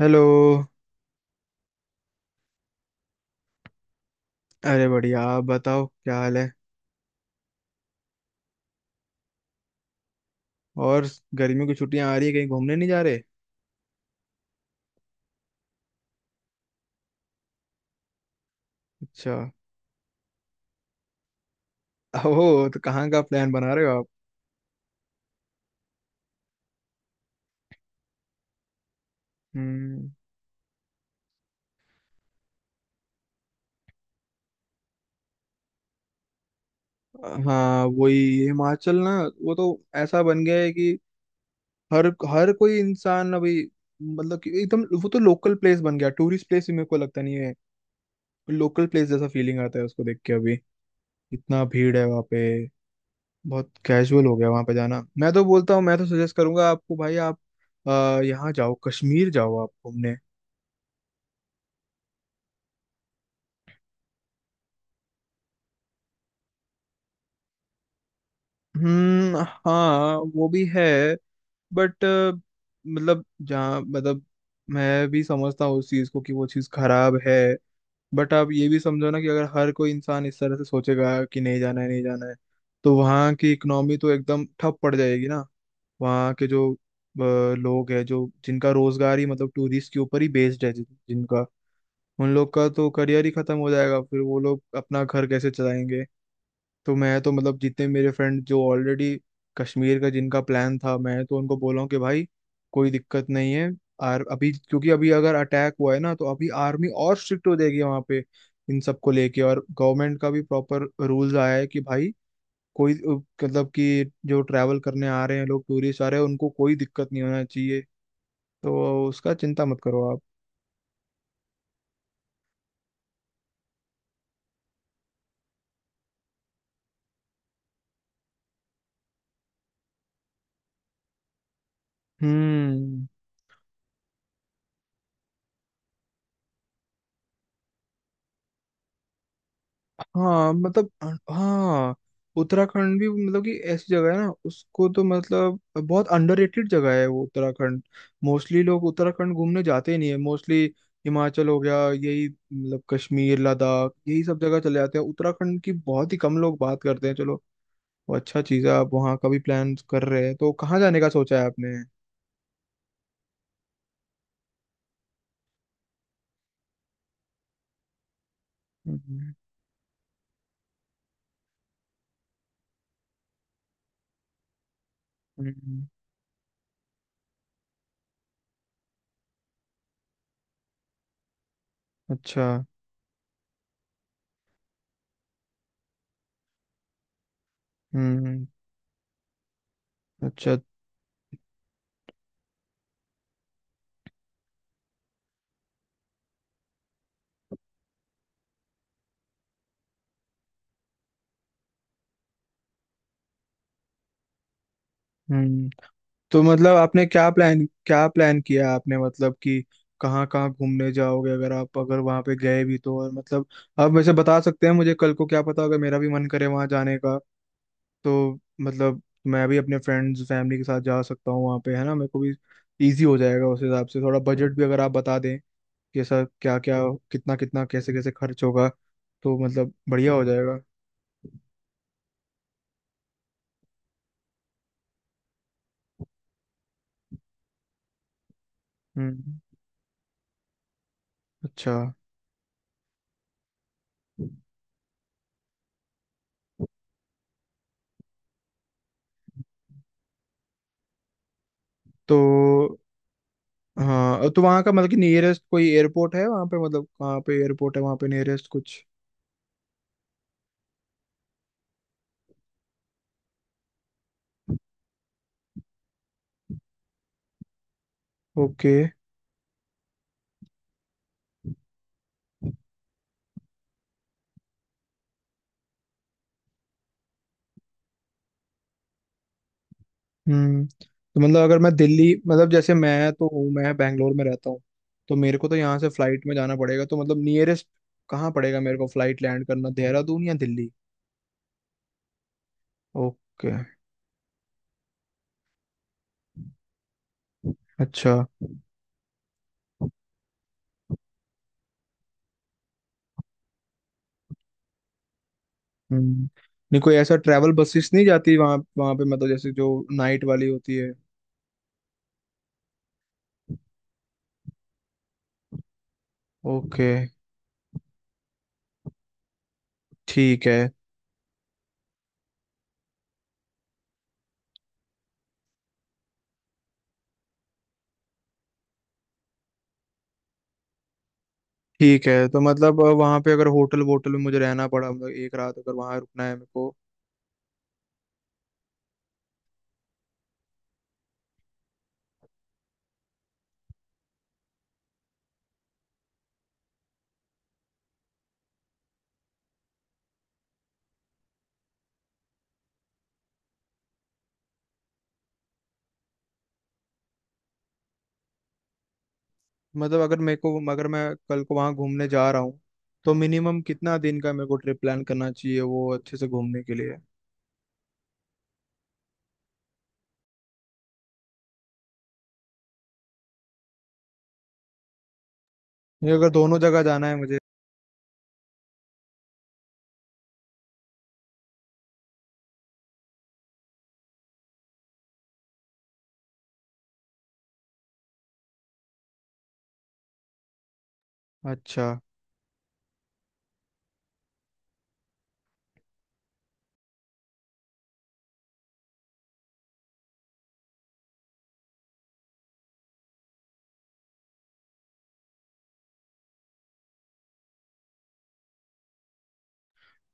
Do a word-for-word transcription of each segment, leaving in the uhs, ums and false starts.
Hello. अरे बढ़िया, आप बताओ क्या हाल है। और गर्मियों की छुट्टियां आ रही है, कहीं घूमने नहीं जा रहे? अच्छा ओह, तो कहाँ का प्लान बना रहे हो आप? हम्म। हाँ, वही हिमाचल ना। वो तो ऐसा बन गया है कि हर हर कोई इंसान अभी मतलब कि एकदम वो तो लोकल प्लेस बन गया, टूरिस्ट प्लेस भी मेरे को लगता नहीं है। लोकल प्लेस जैसा फीलिंग आता है उसको देख के अभी। इतना भीड़ है वहाँ पे। बहुत कैजुअल हो गया वहां पे जाना। मैं तो बोलता हूँ, मैं तो सजेस्ट करूंगा आपको, भाई आप आ, यहाँ जाओ, कश्मीर जाओ आप घूमने। हम्म। हाँ, वो भी है। बट मतलब जहाँ मतलब, मैं भी समझता हूँ उस चीज़ को कि वो चीज़ खराब है। बट आप ये भी समझो ना कि अगर हर कोई इंसान इस तरह से सोचेगा कि नहीं जाना है, नहीं जाना है, तो वहाँ की इकोनॉमी तो एकदम ठप पड़ जाएगी ना। वहाँ के जो अ, लोग हैं, जो जिनका रोजगार ही मतलब टूरिस्ट के ऊपर ही बेस्ड है, जिन- जिनका उन लोग का तो करियर ही खत्म हो जाएगा, फिर वो लोग अपना घर कैसे चलाएंगे। तो मैं तो मतलब जितने मेरे फ्रेंड जो ऑलरेडी कश्मीर का जिनका प्लान था, मैं तो उनको बोला हूँ कि भाई कोई दिक्कत नहीं है। और अभी क्योंकि अभी अगर अटैक हुआ है ना, तो अभी आर्मी और स्ट्रिक्ट हो जाएगी वहाँ पे, इन सबको लेके। और गवर्नमेंट का भी प्रॉपर रूल्स आया है कि भाई कोई मतलब कि जो ट्रैवल करने आ रहे हैं लोग, टूरिस्ट आ रहे हैं, उनको कोई दिक्कत नहीं होना चाहिए। तो उसका चिंता मत करो आप। हम्म। हाँ मतलब, हाँ, उत्तराखंड भी मतलब कि ऐसी जगह है ना, उसको तो मतलब बहुत अंडररेटेड जगह है वो, उत्तराखंड। मोस्टली लोग उत्तराखंड घूमने जाते ही नहीं है मोस्टली। हिमाचल हो गया, यही मतलब कश्मीर, लद्दाख, यही सब जगह चले जाते हैं। उत्तराखंड की बहुत ही कम लोग बात करते हैं। चलो, वो अच्छा चीज़ है। आप वहाँ का भी प्लान कर रहे हैं, तो कहाँ जाने का सोचा है आपने? हम्म। हम्म। अच्छा। हम्म। अच्छा। हम्म। तो मतलब आपने क्या प्लान क्या प्लान किया आपने मतलब कि कहाँ कहाँ घूमने जाओगे अगर आप, अगर वहां पे गए भी तो। और मतलब आप वैसे बता सकते हैं मुझे, कल को क्या पता अगर मेरा भी मन करे वहां जाने का। तो मतलब मैं भी अपने फ्रेंड्स फैमिली के साथ जा सकता हूँ वहां पे, है ना। मेरे को भी इजी हो जाएगा उस हिसाब से। थोड़ा बजट भी अगर आप बता दें कि ऐसा क्या क्या, कितना कितना, कैसे कैसे खर्च होगा, तो मतलब बढ़िया हो जाएगा। हम्म। अच्छा। तो हाँ, तो वहाँ का मतलब कि नियरेस्ट कोई एयरपोर्ट है वहाँ पे, मतलब कहाँ पे एयरपोर्ट है वहाँ पे नियरेस्ट कुछ? ओके। हम्म। तो मतलब अगर मैं दिल्ली मतलब जैसे मैं तो हूँ, मैं बैंगलोर में रहता हूँ, तो मेरे को तो यहाँ से फ्लाइट में जाना पड़ेगा। तो मतलब नियरेस्ट कहाँ पड़ेगा मेरे को फ्लाइट लैंड करना, देहरादून या दिल्ली? ओके। अच्छा। हम्म। नहीं, कोई ऐसा ट्रैवल बसेस नहीं जाती वहाँ वहाँ पे, मतलब जैसे जो नाइट वाली होती है? ओके। ठीक है। ठीक है। तो मतलब अ, वहाँ पे अगर होटल वोटल में मुझे रहना पड़ा, मतलब एक रात अगर वहाँ रुकना है मेरे को, मतलब अगर मेरे को, अगर मैं कल को वहाँ घूमने जा रहा हूँ, तो मिनिमम कितना दिन का मेरे को ट्रिप प्लान करना चाहिए वो अच्छे से घूमने के लिए? ये, अगर दोनों जगह जाना है मुझे? अच्छा।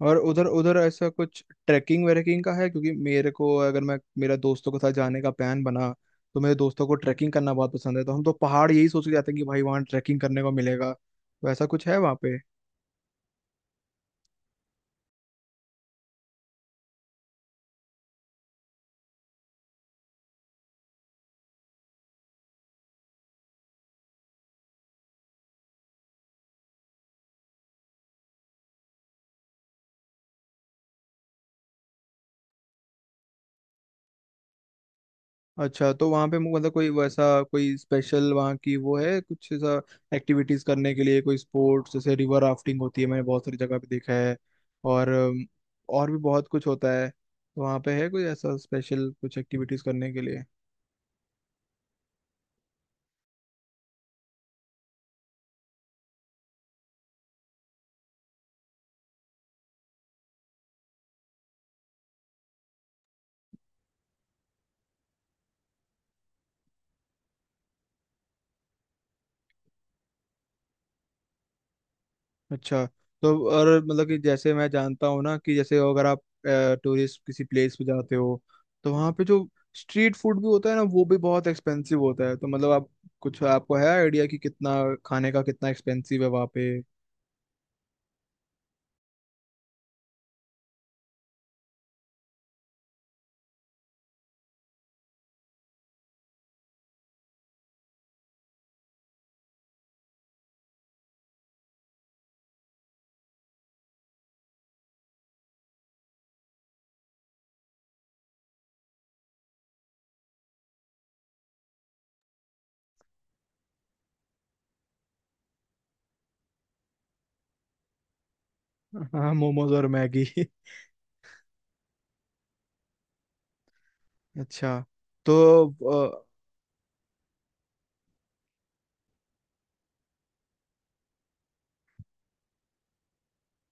और उधर उधर ऐसा कुछ ट्रैकिंग वैकिंग का है? क्योंकि मेरे को, अगर मैं, मेरा दोस्तों के साथ जाने का प्लान बना, तो मेरे दोस्तों को ट्रैकिंग करना बहुत पसंद है, तो हम तो पहाड़ यही सोच के जाते हैं कि भाई वहाँ ट्रैकिंग करने को मिलेगा। तो ऐसा कुछ है वहाँ? अच्छा। तो वहाँ पे मतलब कोई वैसा कोई स्पेशल वहाँ की वो है कुछ ऐसा, एक्टिविटीज करने के लिए कोई स्पोर्ट्स, जैसे रिवर राफ्टिंग होती है, मैंने बहुत सारी जगह पे देखा है, और अम, और भी बहुत कुछ होता है। तो वहाँ पे है कोई ऐसा स्पेशल कुछ एक्टिविटीज करने के लिए? अच्छा। तो और मतलब कि जैसे मैं जानता हूँ ना कि जैसे अगर आप टूरिस्ट किसी प्लेस पे जाते हो, तो वहाँ पे जो स्ट्रीट फूड भी होता है ना, वो भी बहुत एक्सपेंसिव होता है। तो मतलब आप, कुछ आपको है आइडिया कि कितना खाने का कितना एक्सपेंसिव है वहाँ पे? हाँ, मोमोज और मैगी अच्छा। तो अ,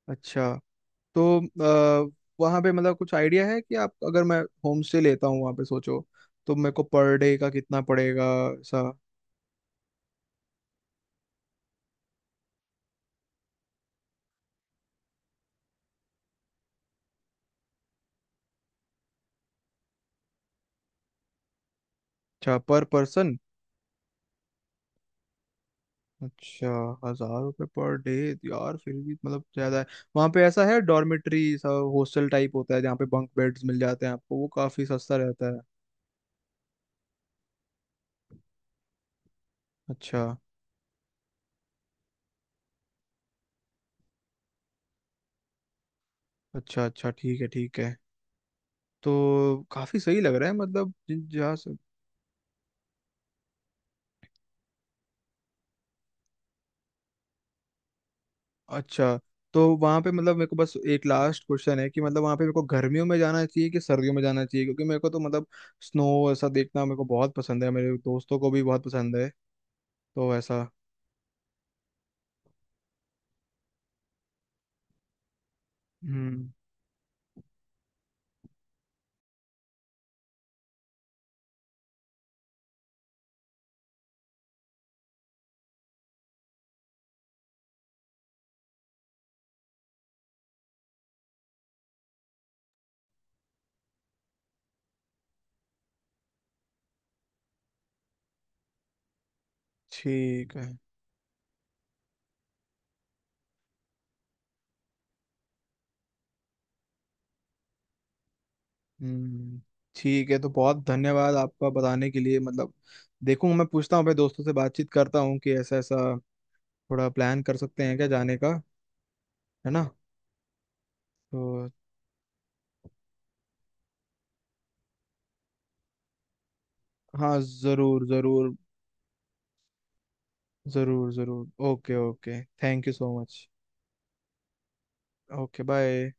अच्छा। तो आ, वहाँ पे मतलब कुछ आइडिया है कि आप, अगर मैं होम स्टे लेता हूँ वहाँ पे सोचो, तो मेरे को पर डे का कितना पड़ेगा ऐसा? अच्छा, पर पर्सन? अच्छा। हजार रुपये पर डे यार, फिर भी मतलब ज्यादा है। वहाँ पे ऐसा है, डॉर्मेट्री सा, हॉस्टल टाइप होता है जहाँ पे बंक बेड्स मिल जाते हैं आपको, वो काफी सस्ता रहता है। अच्छा। अच्छा, अच्छा ठीक है, ठीक है। तो काफी सही लग रहा है मतलब जिन- जहाँ से- अच्छा। तो वहां पे मतलब मेरे को बस एक लास्ट क्वेश्चन है कि मतलब वहां पे मेरे को गर्मियों में जाना चाहिए कि सर्दियों में जाना चाहिए? क्योंकि मेरे को तो मतलब स्नो ऐसा देखना मेरे को बहुत पसंद है, मेरे दोस्तों को भी बहुत पसंद है, तो ऐसा। हम्म। ठीक है। हम्म। ठीक है। तो बहुत धन्यवाद आपका बताने के लिए। मतलब देखूंगा मैं, पूछता हूँ अपने दोस्तों से, बातचीत करता हूँ कि ऐसा ऐसा थोड़ा प्लान कर सकते हैं क्या जाने का, है ना। तो हाँ, जरूर जरूर। जरूर जरूर, okay okay, thank you so much. Okay, bye.